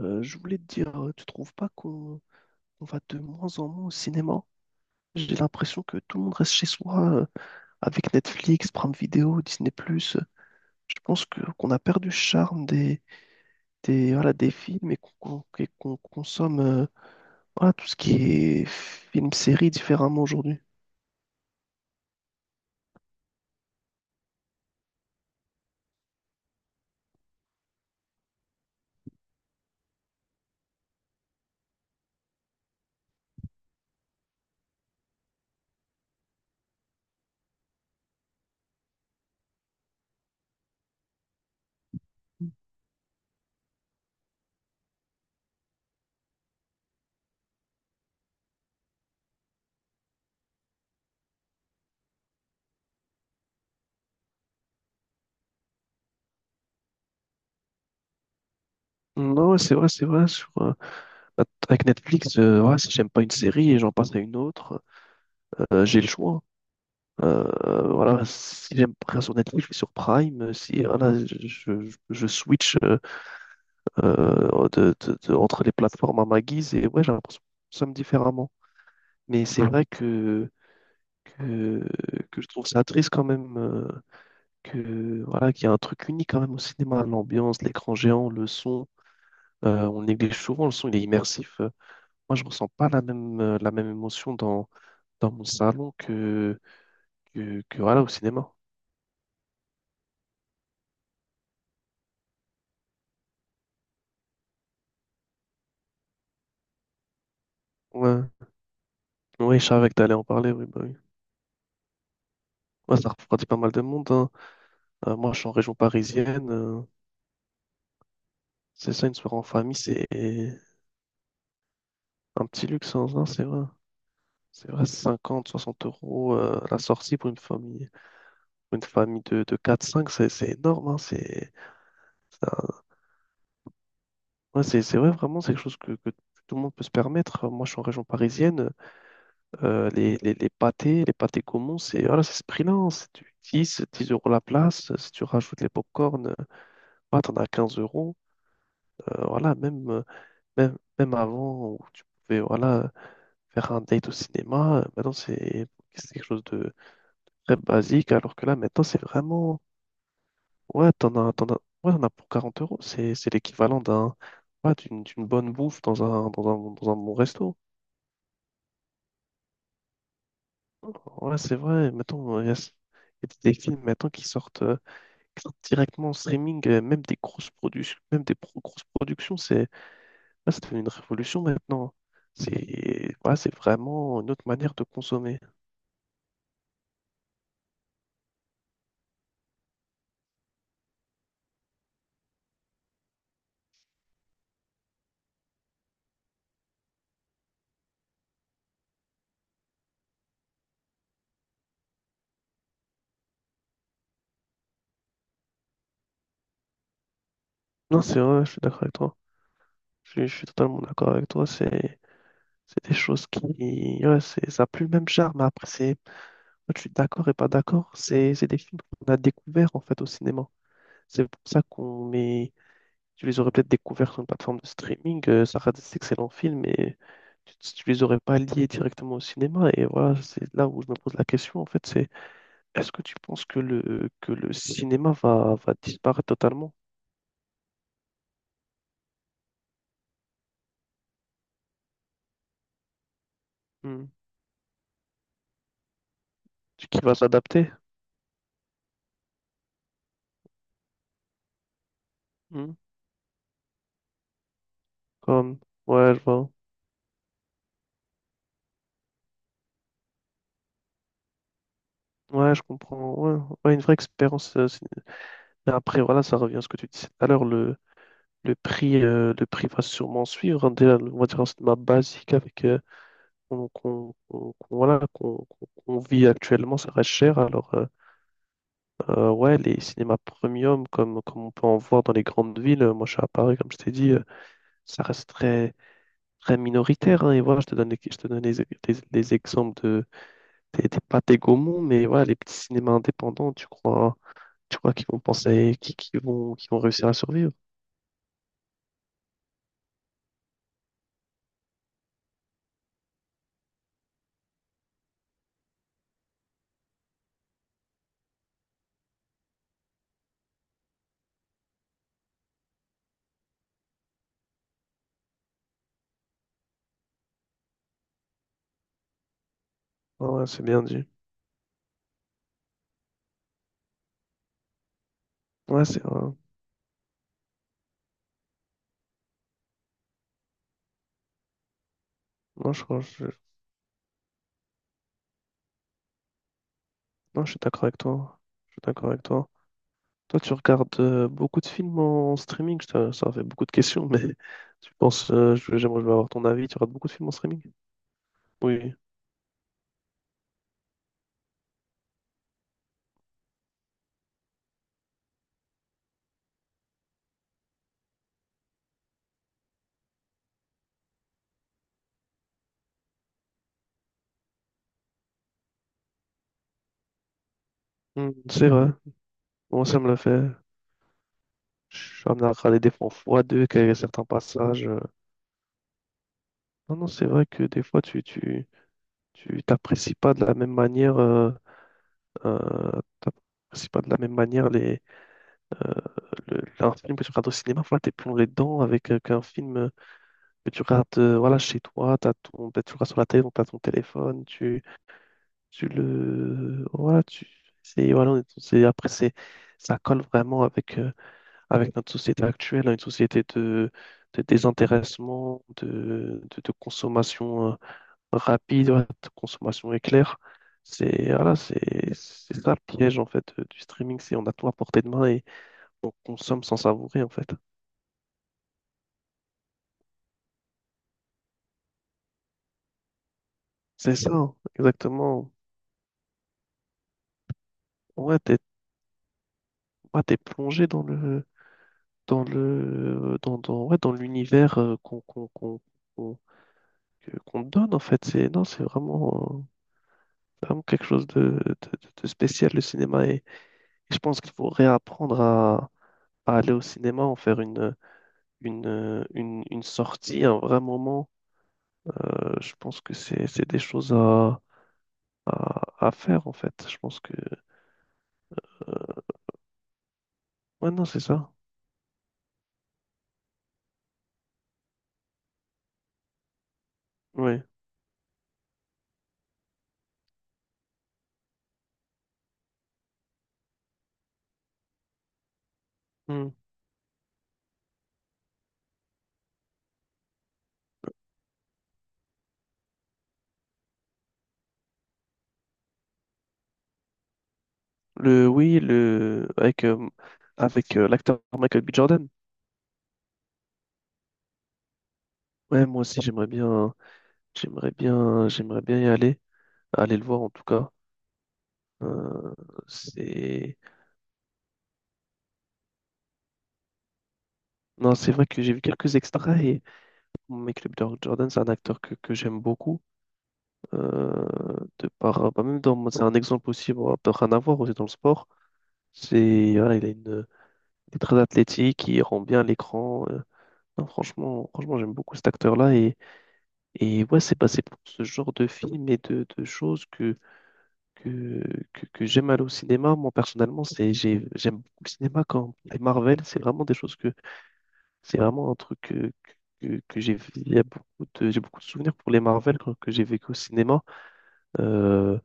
Je voulais te dire, tu trouves pas qu'on on va de moins en moins au cinéma? J'ai l'impression que tout le monde reste chez soi avec Netflix, Prime Video, Disney+. Plus. Je pense que qu'on a perdu le charme voilà, des films et et qu'on consomme voilà, tout ce qui est film, série différemment aujourd'hui. Non, ouais, c'est vrai, c'est vrai. Avec Netflix, ouais, si j'aime pas une série et j'en passe à une autre, j'ai le choix. Voilà, si j'aime pas sur Netflix, je vais sur Prime. Si voilà, je switch entre les plateformes à ma guise et ouais, j'ai l'impression que nous sommes différemment. Mais c'est vrai que, que je trouve ça triste quand même que voilà, qu'il y a un truc unique quand même au cinéma, l'ambiance, l'écran géant, le son. On néglige souvent le son, il est immersif. Moi, je ressens pas la même émotion dans mon salon que voilà, au cinéma. Ouais. Oui, je savais que t'allais en parler, oui, bah oui. Ouais, ça refroidit pas mal de monde, hein. Moi, je suis en région parisienne. C'est ça, une soirée en famille, c'est un petit luxe, hein, ça, c'est vrai. C'est vrai, 50, 60 € la sortie pour une famille de 4-5, c'est énorme, hein. C'est un- ouais, c'est vrai, vraiment, c'est quelque chose que tout le monde peut se permettre. Moi, je suis en région parisienne. Les pâtés, les pâtés communs, c'est voilà, c'est ce prix-là, hein. C'est du 10 10 € la place. Si tu rajoutes les pop-corn, bah, t'en as 15 euros. Voilà, même avant où tu pouvais voilà, faire un date au cinéma, maintenant c'est quelque chose de très basique, alors que là maintenant c'est vraiment. Ouais, ouais, t'en as pour 40 euros, c'est l'équivalent d'un ouais, d'une bonne bouffe dans un bon resto. Ouais, c'est vrai, mettons, il y a des films maintenant qui sortent directement en streaming, même des grosses productions, même grosses productions, c'est là, c'est devenu une révolution maintenant. C'est ouais, c'est vraiment une autre manière de consommer. Non, c'est vrai, je suis d'accord avec toi. Je suis totalement d'accord avec toi. C'est des choses qui. Ouais, c'est, ça n'a plus le même charme. Après, c'est. Je suis d'accord et pas d'accord. C'est des films qu'on a découverts en fait au cinéma. C'est pour ça qu'on met. Tu les aurais peut-être découverts sur une plateforme de streaming. Ça reste des excellents films, mais tu les aurais pas liés directement au cinéma. Et voilà, c'est là où je me pose la question. En fait, c'est. Est-ce que tu penses que le cinéma va disparaître totalement? Hmm. Qui va s'adapter? Hmm. Comme, ouais, je vois. Ouais, je comprends. Ouais, ouais, une vraie expérience. Mais après, voilà, ça revient à ce que tu disais tout à l'heure. Le prix va sûrement suivre, hein. Déjà, on va dire un cinéma basique avec voilà, qu'on vit actuellement, ça reste cher. Alors, ouais, les cinémas premium, comme on peut en voir dans les grandes villes, moi je suis à Paris, comme je t'ai dit, ça resterait très minoritaire, hein. Et voilà, je te donne les exemples des pâtés Gaumont, mais voilà, les petits cinémas indépendants, tu crois qu'ils vont penser, qu'ils vont réussir à survivre? Ah ouais, c'est bien dit. Ouais, c'est vrai. Non, non, je suis d'accord avec toi. Je suis d'accord avec toi. Toi, tu regardes beaucoup de films en streaming. Ça fait beaucoup de questions, mais tu penses, je- j'aimerais je veux avoir ton avis. Tu regardes beaucoup de films en streaming? Oui. Hmm, c'est vrai. Moi, ça me l'a fait. Je suis amené à regarder des fois en x2, qu'il y a certains passages. Non, non, c'est vrai que des fois, tu t'apprécies pas de la même manière, euh, t'apprécies pas de la même manière euh, un film que tu regardes au cinéma. Voilà, t'es plongé dedans avec qu'un film que tu regardes, voilà, chez toi, tu regardes sur la télé, donc t'as ton téléphone, voilà, voilà, on est- c'est, après, c'est, ça colle vraiment avec notre société actuelle, hein, une société de désintéressement, de consommation rapide, ouais, de consommation éclair. C'est voilà, c'est ça le piège en fait du streaming, c'est on a tout à portée de main et on consomme sans savourer en fait. C'est ça, hein, exactement. Ouais, t'es plongé dans le dans le dans dans ouais, dans l'univers qu'on qu'on te donne en fait. C'est non, c'est vraiment vraiment quelque chose de spécial le cinéma et je pense qu'il faut réapprendre à aller au cinéma, en faire une sortie, un vrai moment. Je pense que c'est des choses à faire en fait. Je pense que euh, ouais non c'est ça. Ouais. Hmm. Le oui le avec Avec l'acteur Michael B. Jordan. Ouais moi aussi j'aimerais bien y aller aller le voir en tout cas. Euh, c'est non c'est vrai que j'ai vu quelques extraits et Michael B. Jordan c'est un acteur que j'aime beaucoup euh, de par bah, même dans c'est un exemple aussi bon, après, rien à voir aussi dans le sport. C'est voilà il a une. Il est très athlétique, il rend bien l'écran. Non, franchement, franchement, j'aime beaucoup cet acteur-là. Et ouais, c'est passé pour ce genre de film et de choses que, que j'aime aller au cinéma. Moi, personnellement, c'est, j'aime beaucoup le cinéma quand les Marvel, c'est vraiment des choses que c'est vraiment un truc que j'ai beaucoup de souvenirs pour les Marvel que j'ai vécu au cinéma. Euh,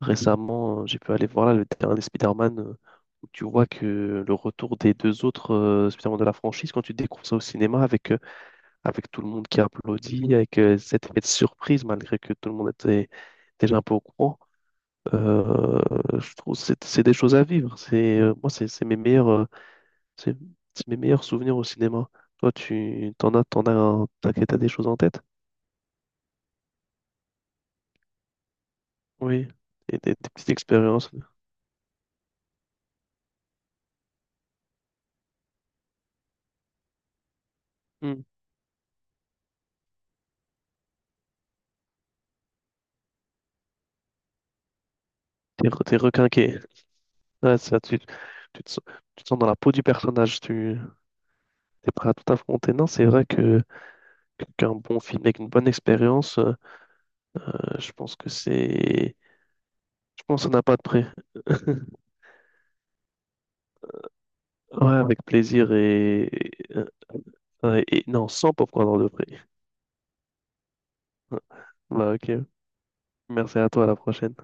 Récemment, j'ai pu aller voir là, le dernier Spider-Man, où tu vois que le retour des deux autres Spider-Man de la franchise, quand tu découvres ça au cinéma, avec tout le monde qui applaudit, avec cet effet de surprise, malgré que tout le monde était déjà un peu au courant, euh, je trouve que c'est des choses à vivre. C'est, moi, c'est c'est mes meilleurs souvenirs au cinéma. Toi, tu t'en as, un- t'as t'as des choses en tête? Oui, et des petites expériences. Hmm. T'es requinqué. Ouais, ça, tu te sens dans la peau du personnage, tu es prêt à tout affronter. Non, c'est vrai qu'un bon film avec une bonne expérience, je pense que c'est. Je pense qu'on n'a pas de prix. Ouais, avec plaisir euh, non, sans popcorn de prix. Bah, ok. Merci à toi, à la prochaine.